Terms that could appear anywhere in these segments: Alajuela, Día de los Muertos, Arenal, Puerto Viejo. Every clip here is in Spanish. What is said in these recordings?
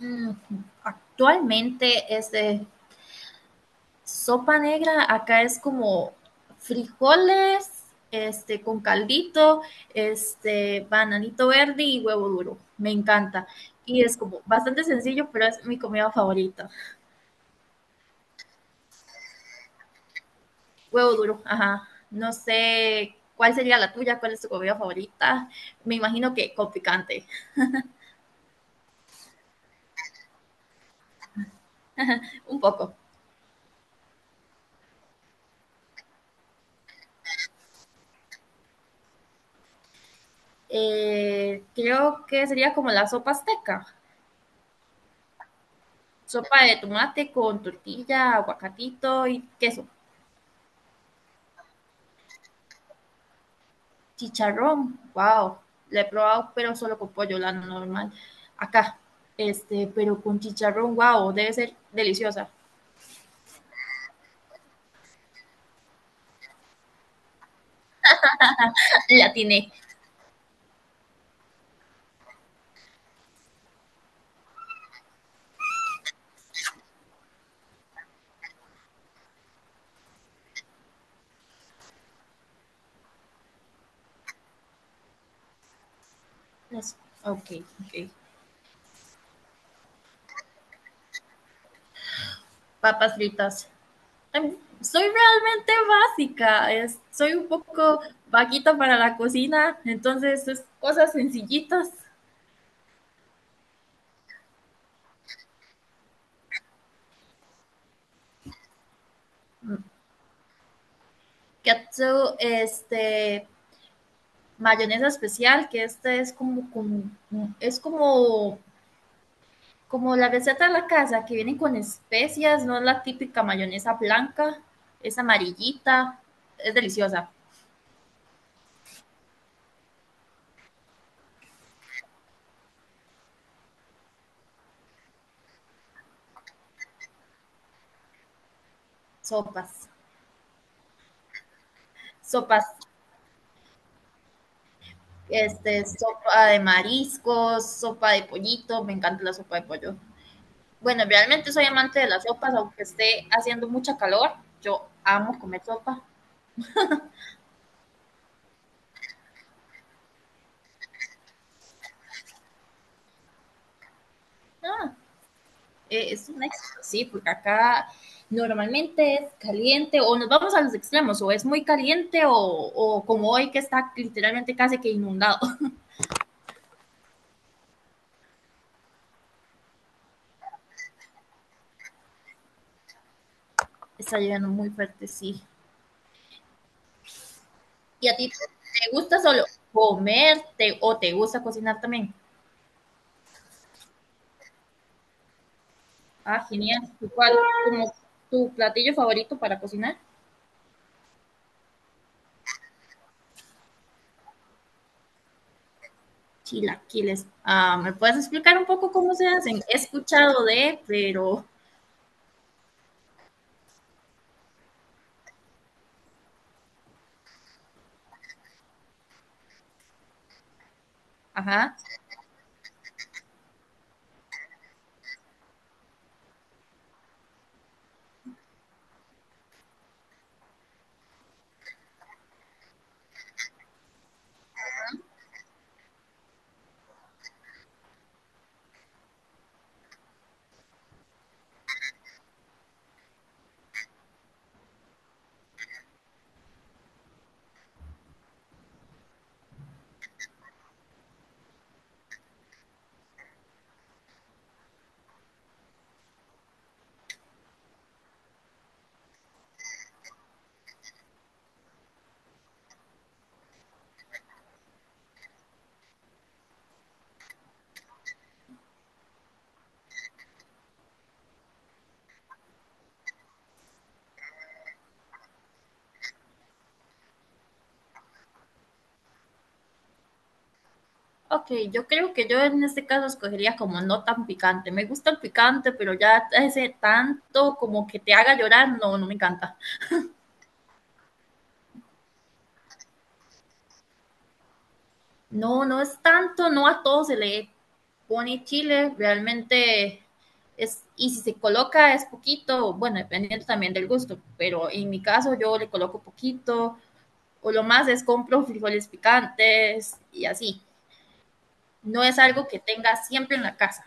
Mm, Actualmente es de sopa negra, acá es como frijoles, con caldito, bananito verde y huevo duro. Me encanta. Y es como bastante sencillo, pero es mi comida favorita. Huevo duro, ajá. No sé cuál sería la tuya, cuál es tu comida favorita. Me imagino que con picante, un poco. Creo que sería como la sopa azteca. Sopa de tomate con tortilla, aguacatito y queso. Chicharrón, wow, la he probado, pero solo con pollo, la normal. Acá, pero con chicharrón, wow, debe ser deliciosa. La atiné. Las- Ok, ok. Papas fritas. Em, Soy realmente básica, soy un poco vaquita para la cocina, entonces es cosas sencillitas. Mm. Katsu, mayonesa especial, que esta es como, es como, como la receta de la casa, que vienen con especias, no es la típica mayonesa blanca, es amarillita, es deliciosa. Sopas, sopas, sopa de mariscos, sopa de pollito, me encanta la sopa de pollo. Bueno, realmente soy amante de las sopas, aunque esté haciendo mucha calor, yo amo comer sopa. No, es un éxito, sí, porque acá normalmente es caliente o nos vamos a los extremos, o es muy caliente o como hoy que está literalmente casi que inundado. Está lloviendo muy fuerte, sí. ¿Y a ti te gusta solo comerte o te gusta cocinar también? Ah, genial. ¿Cuál como tu platillo favorito para cocinar? Chilaquiles. Ah, ¿me puedes explicar un poco cómo se hacen? He escuchado de, pero, ajá. Ok, yo creo que yo en este caso escogería como no tan picante. Me gusta el picante, pero ya ese tanto como que te haga llorar, no, no me encanta. No, no es tanto, no a todo se le pone chile, realmente es, y si se coloca es poquito, bueno, dependiendo también del gusto, pero en mi caso yo le coloco poquito, o lo más es compro frijoles picantes y así. No es algo que tenga siempre en la casa.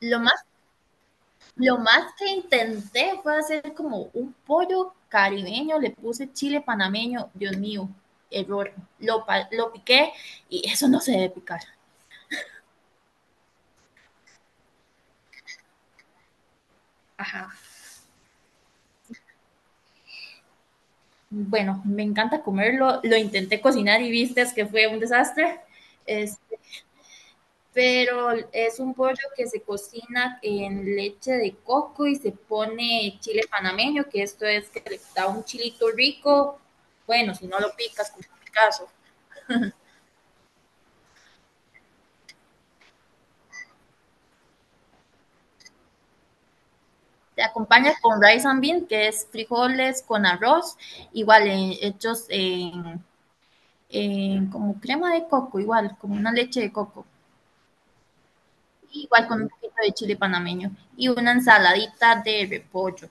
Lo más, lo más que intenté fue hacer como un pollo caribeño, le puse chile panameño, Dios mío, error. Lo piqué y eso no se debe picar. Ajá. Bueno, me encanta comerlo, lo intenté cocinar y viste que fue un desastre. Es- pero es un pollo que se cocina en leche de coco y se pone chile panameño, que esto es que le da un chilito rico. Bueno, si no lo picas, como en mi caso. Te acompaña con rice and bean, que es frijoles con arroz, igual hechos en como crema de coco, igual, como una leche de coco, igual con un poquito de chile panameño y una ensaladita de repollo.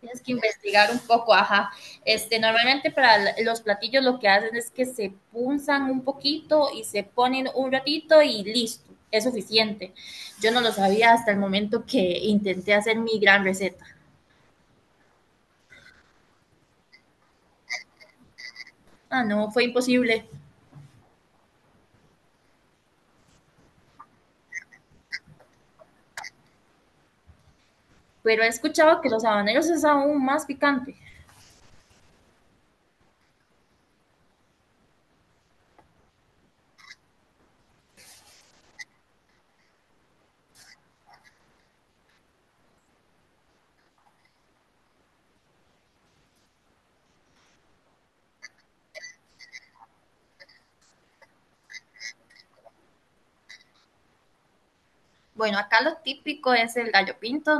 Tienes que investigar un poco, ajá. Este, normalmente para los platillos lo que hacen es que se punzan un poquito y se ponen un ratito y listo, es suficiente. Yo no lo sabía hasta el momento que intenté hacer mi gran receta. Ah, no, fue imposible. Pero he escuchado que los habaneros es aún más picante. Bueno, acá lo típico es el gallo pinto,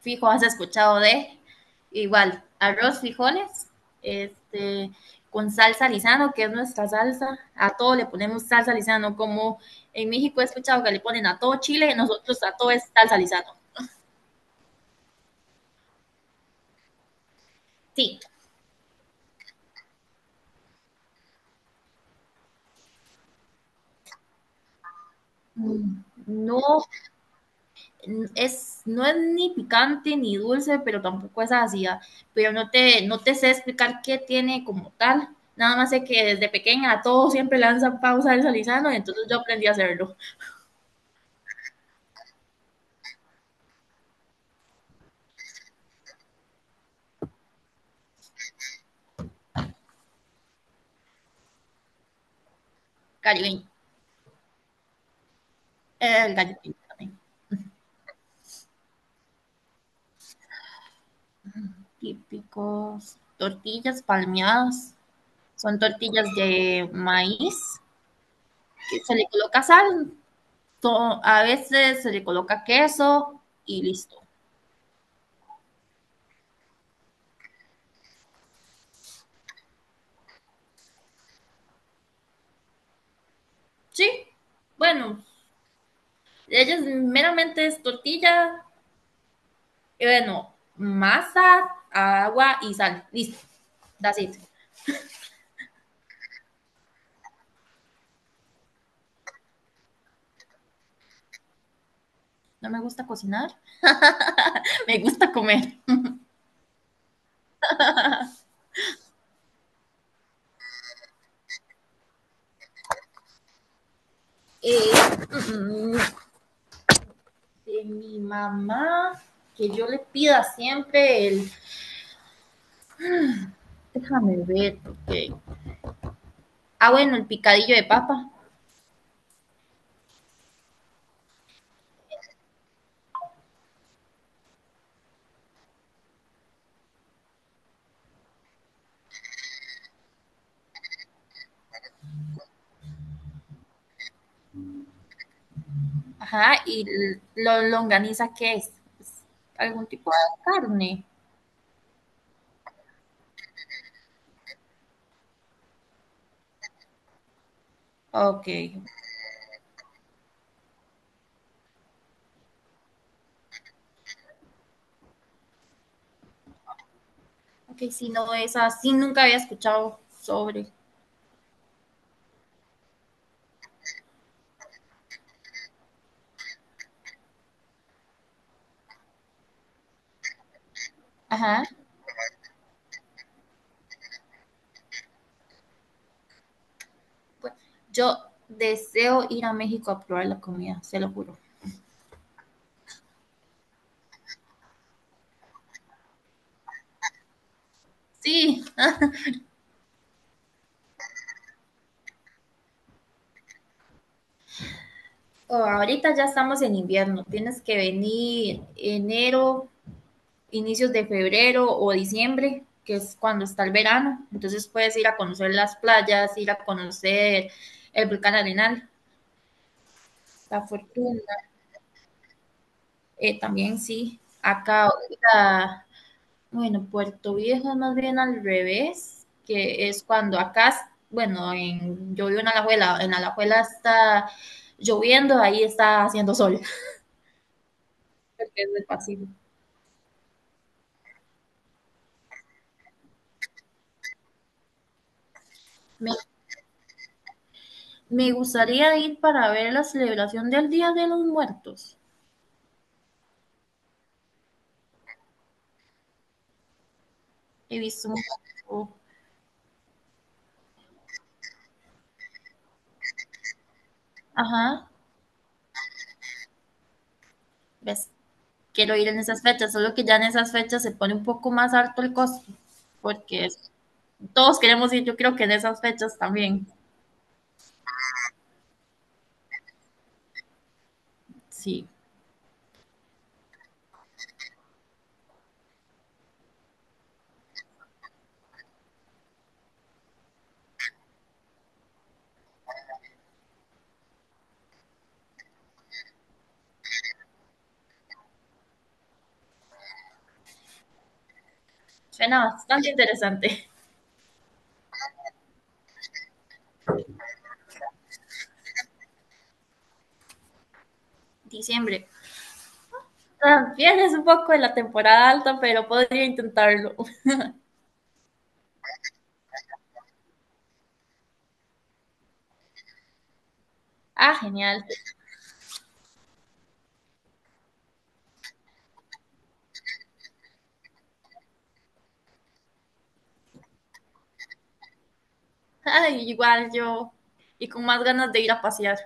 fijo, has escuchado de igual, arroz, frijoles, este, con salsa lisano, que es nuestra salsa. A todo le ponemos salsa lisano, como en México he escuchado que le ponen a todo chile, nosotros a todo es salsa lisano. Sí, no. Es, no es ni picante ni dulce, pero tampoco es ácida. No te sé explicar qué tiene como tal. Nada más sé que desde pequeña a todos siempre lanzan pausa del salizano, y entonces yo aprendí a hacerlo. Gallo, el gallo pinto, típicos. Tortillas palmeadas. Son tortillas de maíz que se le coloca sal, a veces se le coloca queso y listo. Sí, bueno, ellas meramente es tortilla. Bueno, masa, agua y sal. Listo, that's it. No me gusta cocinar, me gusta comer. Eh, mm, mm, de mi mamá, que yo le pida siempre el... Déjame ver, ok. Ah, bueno, el picadillo de papa. Ajá, ¿y lo longaniza, qué es? Es algún tipo de carne. Ok. Ok, si no es así, nunca había escuchado sobre. Ajá. Pues, yo deseo ir a México a probar la comida, se lo juro. Sí, ¿no? Oh, ahorita ya estamos en invierno. Tienes que venir enero, inicios de febrero o diciembre, que es cuando está el verano. Entonces puedes ir a conocer las playas, ir a conocer el volcán Arenal, la fortuna. También sí, acá ahorita bueno, Puerto Viejo es más bien al revés, que es cuando acá, bueno, yo vivo en Alajuela está lloviendo, ahí está haciendo sol, porque es del Pacífico. Me, Me gustaría ir para ver la celebración del Día de los Muertos. He visto un poco, ajá, ves, quiero ir en esas fechas, solo que ya en esas fechas se pone un poco más alto el costo, porque es- todos queremos ir, yo creo que en esas fechas también, sí, suena bastante interesante. Diciembre. También es un poco de la temporada alta, pero podría intentarlo. Ah, genial. Ay, igual yo. Y con más ganas de ir a pasear.